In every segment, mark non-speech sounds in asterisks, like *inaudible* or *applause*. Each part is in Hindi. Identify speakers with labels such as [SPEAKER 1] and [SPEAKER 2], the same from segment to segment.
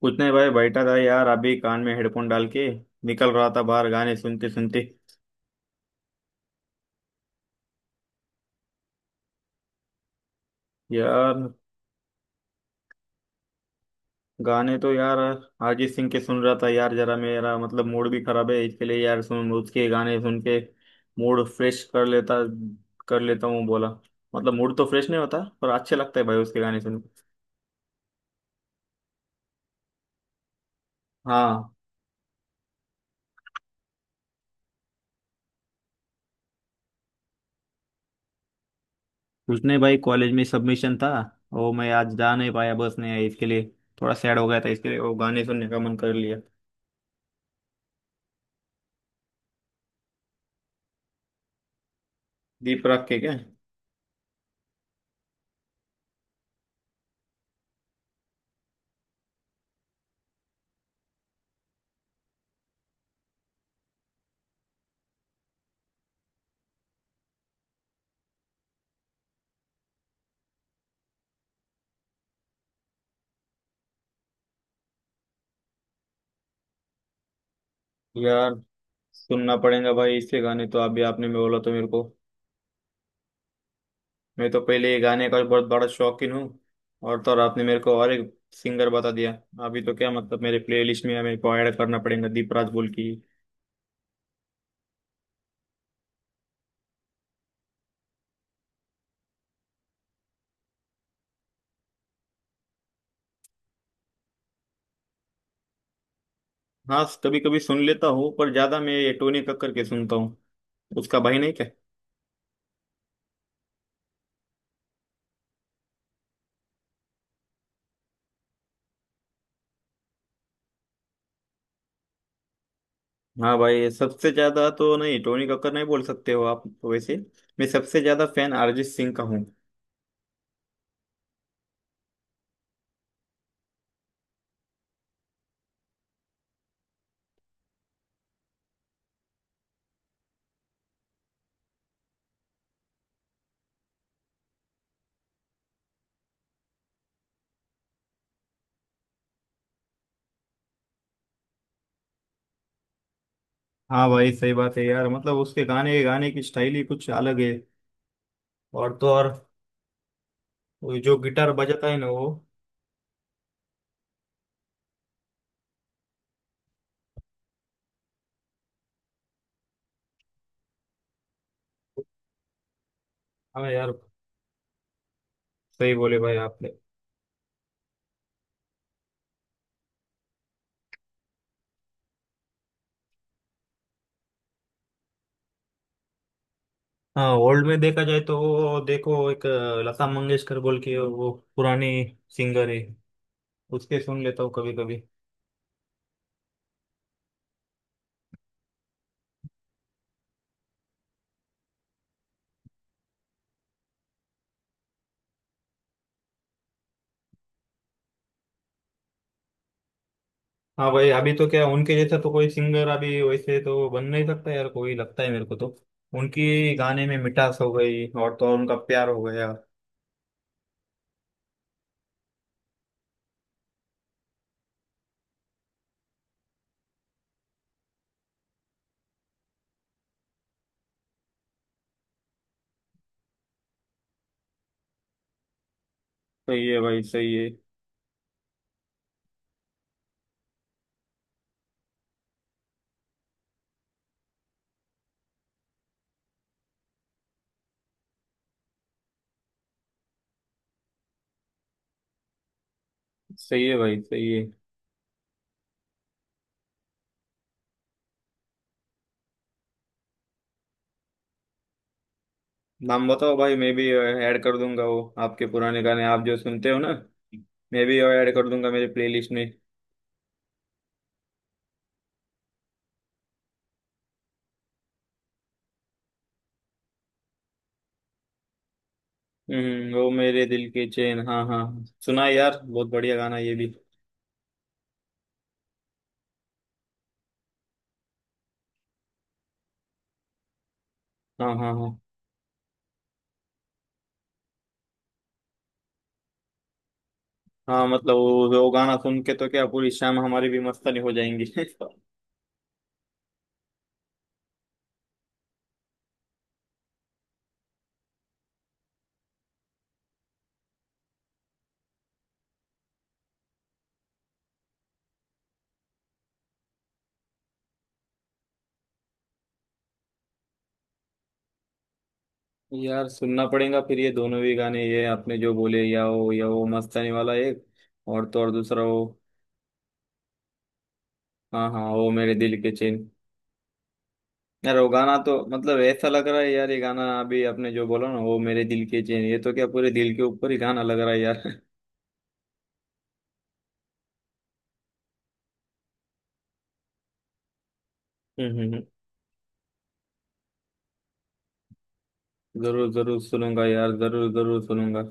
[SPEAKER 1] कुछ नहीं भाई, बैठा था यार अभी कान में हेडफोन डाल के निकल रहा था बाहर गाने सुनते सुनते। यार, गाने तो यार अरिजीत सिंह के सुन रहा था यार। जरा मेरा मतलब मूड भी खराब है इसके लिए यार। सुन उसके गाने सुन के मूड फ्रेश कर लेता हूँ बोला। मतलब मूड तो फ्रेश नहीं होता पर अच्छे लगता है भाई उसके गाने सुन के। हाँ। कुछ नहीं भाई, कॉलेज में सबमिशन था, वो मैं आज जा नहीं पाया, बस नहीं आई इसके लिए। थोड़ा सैड हो गया था इसके लिए वो गाने सुनने का मन कर लिया। दीप रख के क्या। यार सुनना पड़ेगा भाई इसके गाने तो, अभी आपने में बोला तो मेरे को। मैं तो पहले ये गाने का बहुत बड़ा शौकीन हूँ। और तो और आपने मेरे को और एक सिंगर बता दिया। अभी तो क्या मतलब मेरे प्लेलिस्ट में मेरे को ऐड करना पड़ेगा दीपराज बोल की। हाँ, कभी कभी सुन लेता हूँ पर ज्यादा मैं ये टोनी कक्कर के सुनता हूँ। उसका भाई नहीं क्या? हाँ भाई, सबसे ज्यादा तो नहीं टोनी कक्कर नहीं बोल सकते हो आप तो। वैसे मैं सबसे ज्यादा फैन अरिजीत सिंह का हूँ। हाँ भाई, सही बात है यार। मतलब उसके गाने गाने की स्टाइल ही कुछ अलग है। और तो और वो जो गिटार बजाता है ना वो। हाँ यार, सही बोले भाई आपने। हाँ, ओल्ड में देखा जाए तो वो देखो एक लता मंगेशकर बोल के वो पुरानी सिंगर है। उसके सुन लेता हूँ कभी कभी। हाँ भाई, अभी तो क्या उनके जैसा तो कोई सिंगर अभी वैसे तो बन नहीं सकता यार, कोई लगता है मेरे को तो। उनकी गाने में मिठास हो गई और तो और उनका प्यार हो गया। सही है भाई, सही है। सही है भाई, सही है। नाम बताओ भाई, मैं भी ऐड कर दूंगा वो आपके पुराने गाने आप जो सुनते हो ना। मैं भी ऐड कर दूंगा मेरे प्लेलिस्ट में। वो मेरे दिल के चैन। हाँ हाँ हाँ। सुना है यार, बहुत बढ़िया गाना ये भी। हाँ हाँ हाँ हाँ। मतलब वो गाना सुन के तो क्या पूरी शाम हमारी भी मस्तानी हो जाएंगी। *laughs* यार सुनना पड़ेगा फिर ये दोनों भी गाने, ये आपने जो बोले, या वो मस्तानी वाला एक, और तो और दूसरा वो। हाँ हाँ, वो मेरे दिल के चैन। यार वो गाना तो मतलब ऐसा लग रहा है यार, ये गाना अभी आपने जो बोला ना वो मेरे दिल के चैन, ये तो क्या पूरे दिल के ऊपर ही गाना लग रहा है यार। हम्म हम्म, हम्म। *laughs* जरूर जरूर सुनूंगा यार, जरूर जरूर सुनूंगा।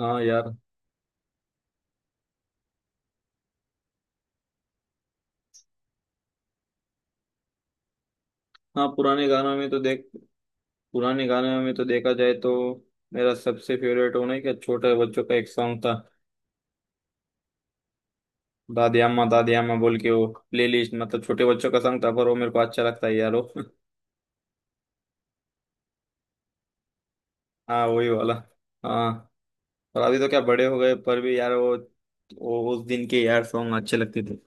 [SPEAKER 1] हाँ यार। हाँ, पुराने गानों में तो देखा जाए तो मेरा सबसे फेवरेट होना है क्या, छोटे बच्चों का एक सॉन्ग था, दादी अम्मा बोल के वो प्लेलिस्ट। मतलब छोटे बच्चों का सॉन्ग था पर वो मेरे को अच्छा लगता है यार वो। *laughs* हाँ वही वाला। हाँ और अभी तो क्या बड़े हो गए पर भी यार वो उस दिन के यार सॉन्ग अच्छे लगते थे।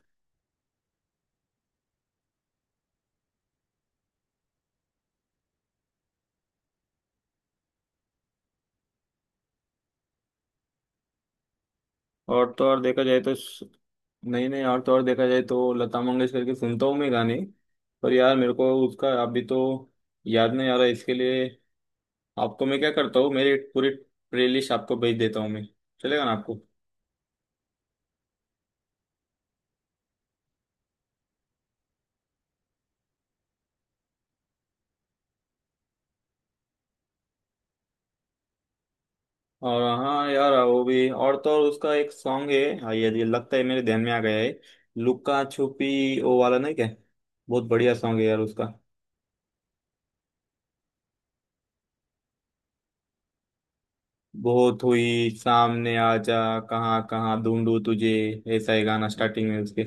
[SPEAKER 1] और तो और देखा जाए तो स- नहीं नहीं, और तो और देखा जाए तो लता मंगेशकर के सुनता हूँ मैं गाने। पर यार मेरे को उसका अभी तो याद नहीं आ रहा इसके लिए। आपको मैं क्या करता हूँ, मेरी पूरी प्लेलिस्ट आपको भेज देता हूँ मैं। चलेगा ना आपको? और हाँ यार वो भी, और तो और उसका एक सॉन्ग है। हाँ, ये लगता है मेरे ध्यान में आ गया है। लुक्का छुपी वो वाला नहीं क्या? बहुत बढ़िया सॉन्ग है यार उसका। बहुत हुई सामने आ जा, कहाँ कहाँ ढूंढू तुझे, ऐसा ही गाना स्टार्टिंग में उसके।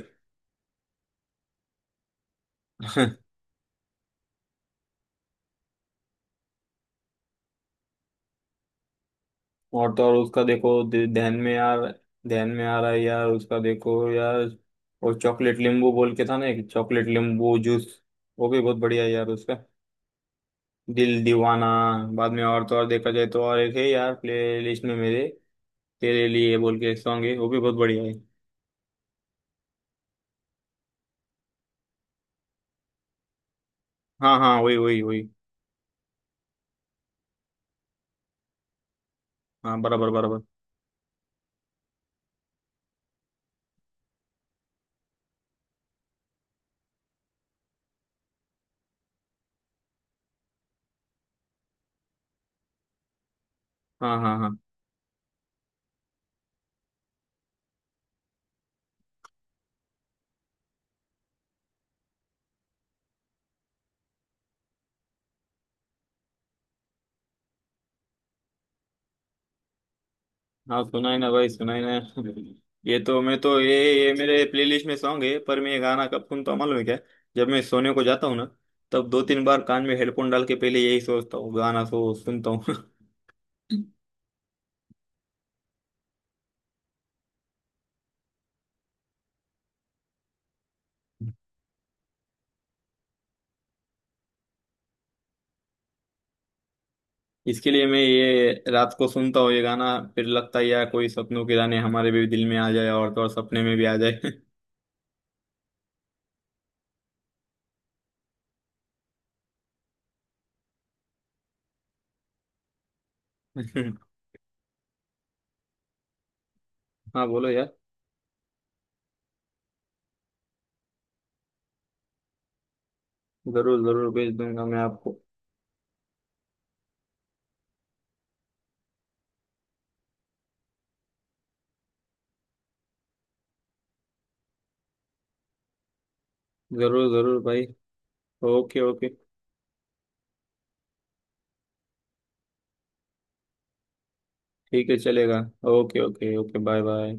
[SPEAKER 1] *laughs* और तो और उसका देखो ध्यान में आ रहा है यार उसका देखो यार। और चॉकलेट नींबू बोल के था ना एक, चॉकलेट नींबू जूस, वो भी बहुत बढ़िया है यार उसका। दिल दीवाना बाद में, और तो और देखा जाए तो और एक है यार प्ले लिस्ट में मेरे, तेरे लिए बोल के एक सॉन्ग है, वो भी बहुत बढ़िया है। हाँ हाँ, वही वही वही। हाँ बराबर बराबर। हाँ हाँ हाँ हाँ, सुनाई ना भाई, सुनाई ना। ये तो मैं तो ये मेरे प्लेलिस्ट में सॉन्ग है। पर मैं ये गाना कब सुनता हूँ मालूम है क्या? जब मैं सोने को जाता हूँ ना, तब दो तीन बार कान में हेडफोन डाल के पहले यही सोचता हूँ गाना, सो सुनता हूँ। *laughs* इसके लिए मैं ये रात को सुनता हूँ ये गाना। फिर लगता है यार कोई सपनों के गाने हमारे भी दिल में आ जाए और तो और सपने में भी आ जाए। *laughs* हाँ बोलो यार। जरूर जरूर भेज दूंगा मैं आपको। जरूर जरूर भाई। Okay okay. ठीक है, चलेगा। Okay okay okay, bye bye.